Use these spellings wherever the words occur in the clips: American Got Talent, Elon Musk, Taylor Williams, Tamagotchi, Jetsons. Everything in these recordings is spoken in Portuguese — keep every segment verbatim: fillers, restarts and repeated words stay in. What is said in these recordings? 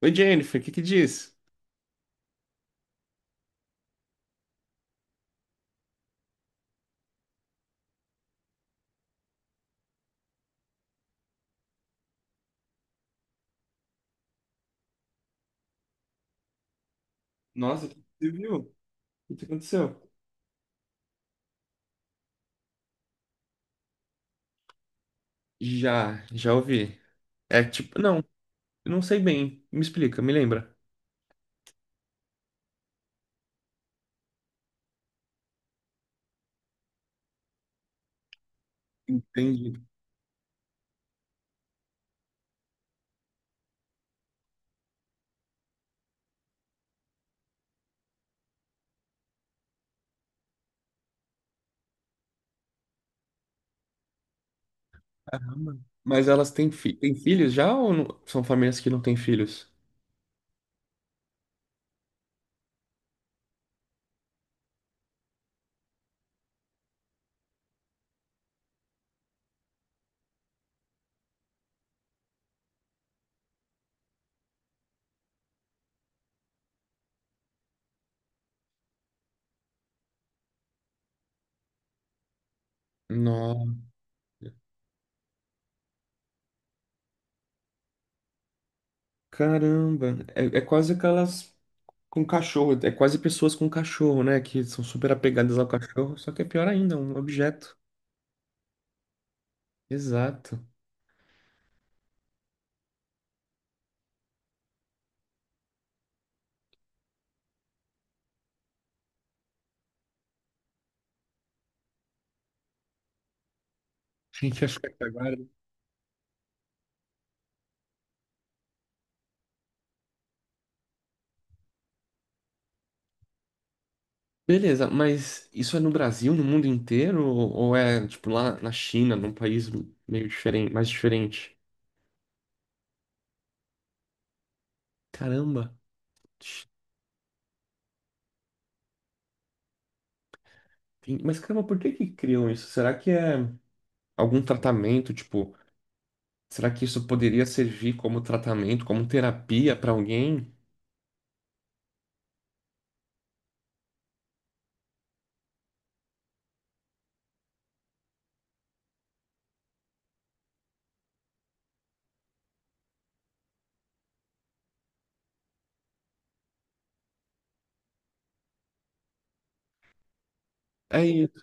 Oi, Jennifer, o que que diz? Nossa, o que você viu? O que que aconteceu? Já, já ouvi. É tipo, não, eu não sei bem. Me explica, me lembra. Entendi. Caramba. Mas elas têm, fi têm filhos já ou não- são famílias que não têm filhos? Nossa, caramba. É, é quase aquelas com cachorro, é quase pessoas com cachorro, né? Que são super apegadas ao cachorro, só que é pior ainda, um objeto. Exato. A gente achou que agora. Beleza, mas isso é no Brasil, no mundo inteiro? Ou ou é, tipo, lá na China, num país meio diferente, mais diferente? Caramba! Tem- Mas, caramba, por que que criam isso? Será que é algum tratamento, tipo, será que isso poderia servir como tratamento, como terapia pra alguém? É isso,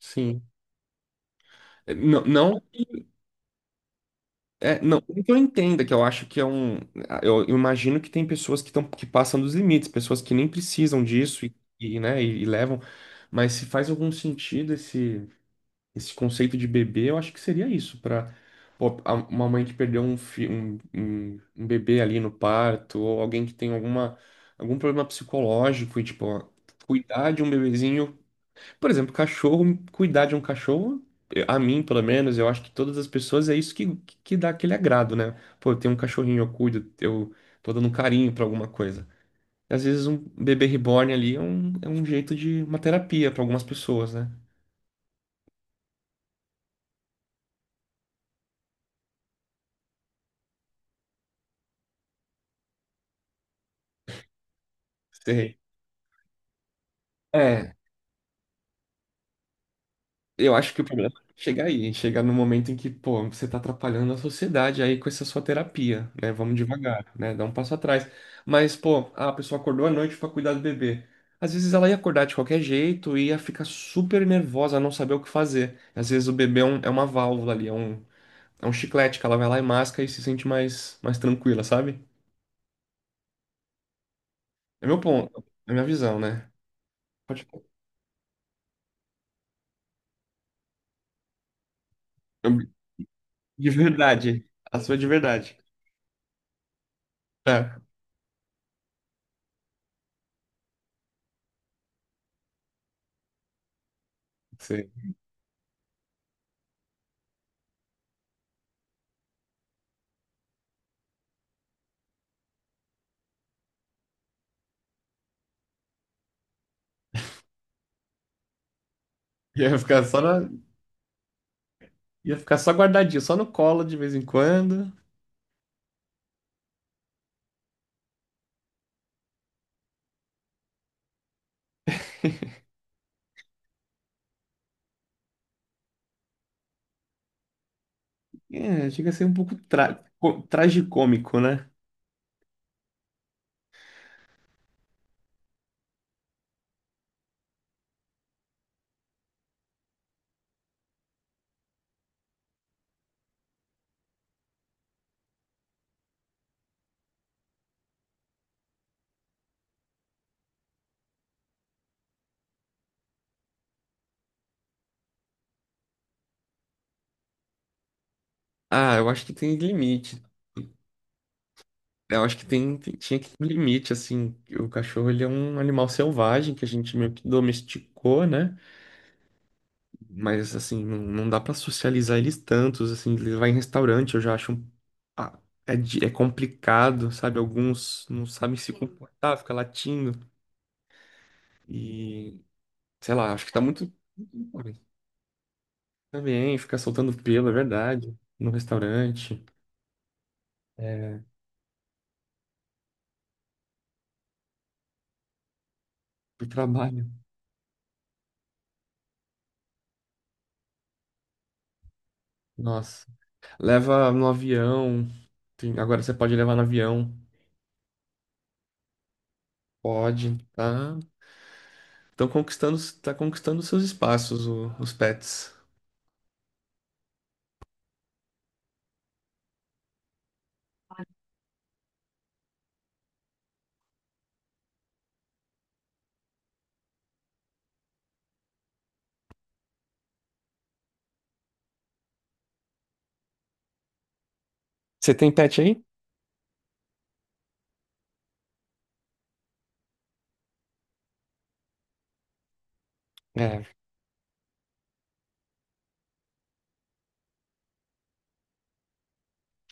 sim. É, não, não. É, não, não que eu entenda, que eu acho que é um. Eu, eu imagino que tem pessoas que, tão, que passam dos limites, pessoas que nem precisam disso e, e, né, e, e levam. Mas se faz algum sentido esse, esse conceito de bebê, eu acho que seria isso, para uma mãe que perdeu um, fi- um, um, um bebê ali no parto, ou alguém que tem alguma, algum problema psicológico, e tipo, ó, cuidar de um bebezinho, por exemplo, cachorro, cuidar de um cachorro, eu- a mim, pelo menos, eu acho que todas as pessoas é isso que, que que dá aquele agrado, né? Pô, eu tenho um cachorrinho, eu cuido, eu tô dando um carinho pra alguma coisa. Às vezes um bebê reborn ali é um, é um jeito de uma terapia pra algumas pessoas, né? Sei. É, eu acho que o problema é chegar aí, chegar no momento em que, pô, você tá atrapalhando a sociedade aí com essa sua terapia, né? Vamos devagar, né? Dá um passo atrás. Mas, pô, a pessoa acordou à noite pra cuidar do bebê. Às vezes ela ia acordar de qualquer jeito e ia ficar super nervosa, não saber o que fazer. Às vezes o bebê é, um- é uma válvula ali, é um, é um chiclete que ela vai lá e masca e se sente mais, mais tranquila, sabe? É meu ponto, é minha visão, né? Pode... De verdade, a sua de verdade. Tá, sei. Ia ficar só na, ia ficar só guardadinho, só no colo de vez em quando. É, chega a ser um pouco tra... co- tragicômico, né? Ah, eu acho que tem limite. Eu acho que tem, tem- tinha que ter um limite, assim. O cachorro, ele é um animal selvagem que a gente meio que domesticou, né? Mas, assim, não, não dá pra socializar eles tantos, assim. Ele vai em restaurante, eu já acho... um- ah, é, di- é complicado, sabe? Alguns não sabem se comportar, fica latindo. E, sei lá, acho que tá muito... Tá bem, ficar soltando pelo, é verdade. No restaurante, é, pro trabalho. Nossa. Leva no avião. Tem- agora você pode levar no avião. Pode, tá? Estão conquistando, tá conquistando seus espaços, o- os pets. Você tem pet aí? É,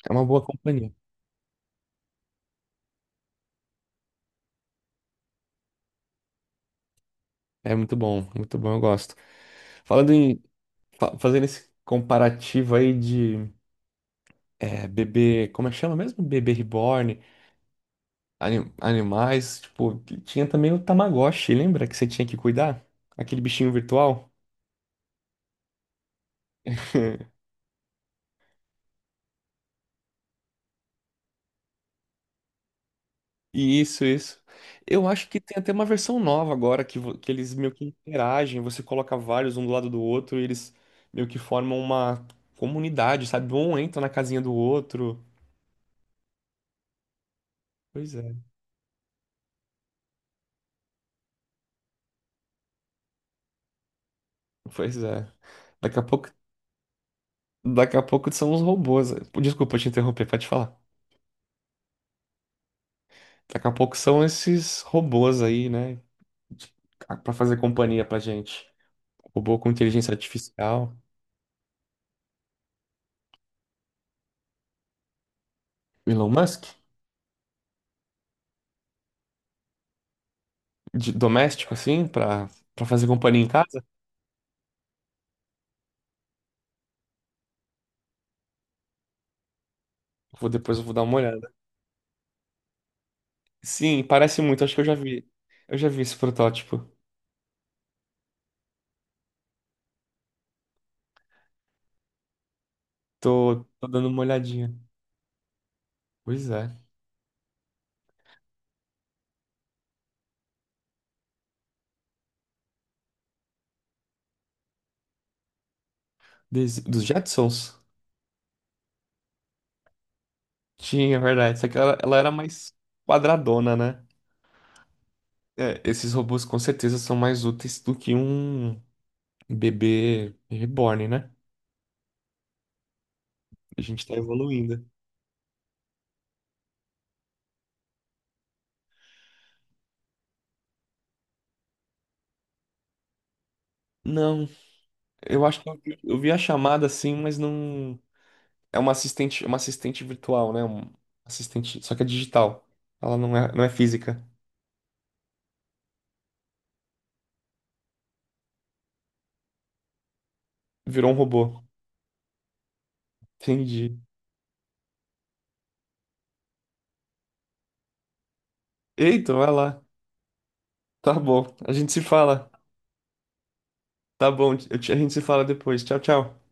é uma boa companhia. É muito bom, muito bom, eu gosto. Falando em, fa- fazendo esse comparativo aí de é, bebê, como é que chama mesmo? Bebê reborn. Ani- Animais, tipo, tinha também o Tamagotchi, lembra que você tinha que cuidar? Aquele bichinho virtual? E isso, isso. Eu acho que tem até uma versão nova agora que, vo- que eles meio que interagem, você coloca vários um do lado do outro e eles meio que formam uma comunidade, sabe? Um entra na casinha do outro. Pois é, pois é. Daqui a pouco, daqui a pouco são os robôs. Desculpa te interromper, pode falar. Daqui a pouco são esses robôs aí, né? Pra fazer companhia pra gente. Robô com inteligência artificial, Elon Musk, de doméstico assim, pra para fazer companhia em casa. Vou, depois eu vou dar uma olhada. Sim, parece muito, acho que eu já vi. Eu já vi esse protótipo. Tô, tô dando uma olhadinha. Pois é. Des- dos Jetsons. Tinha, é verdade. Só que ela, ela era mais quadradona, né? É, esses robôs com certeza são mais úteis do que um bebê reborn, né? A gente tá evoluindo. Não, eu acho que eu vi, eu vi a chamada assim, mas não. É uma assistente, uma assistente virtual, né? Um assistente, só que é digital. Ela não é, não é física. Virou um robô. Entendi. Eita, vai lá. Tá bom. A gente se fala. Tá bom. Eu te- a gente se fala depois. Tchau, tchau.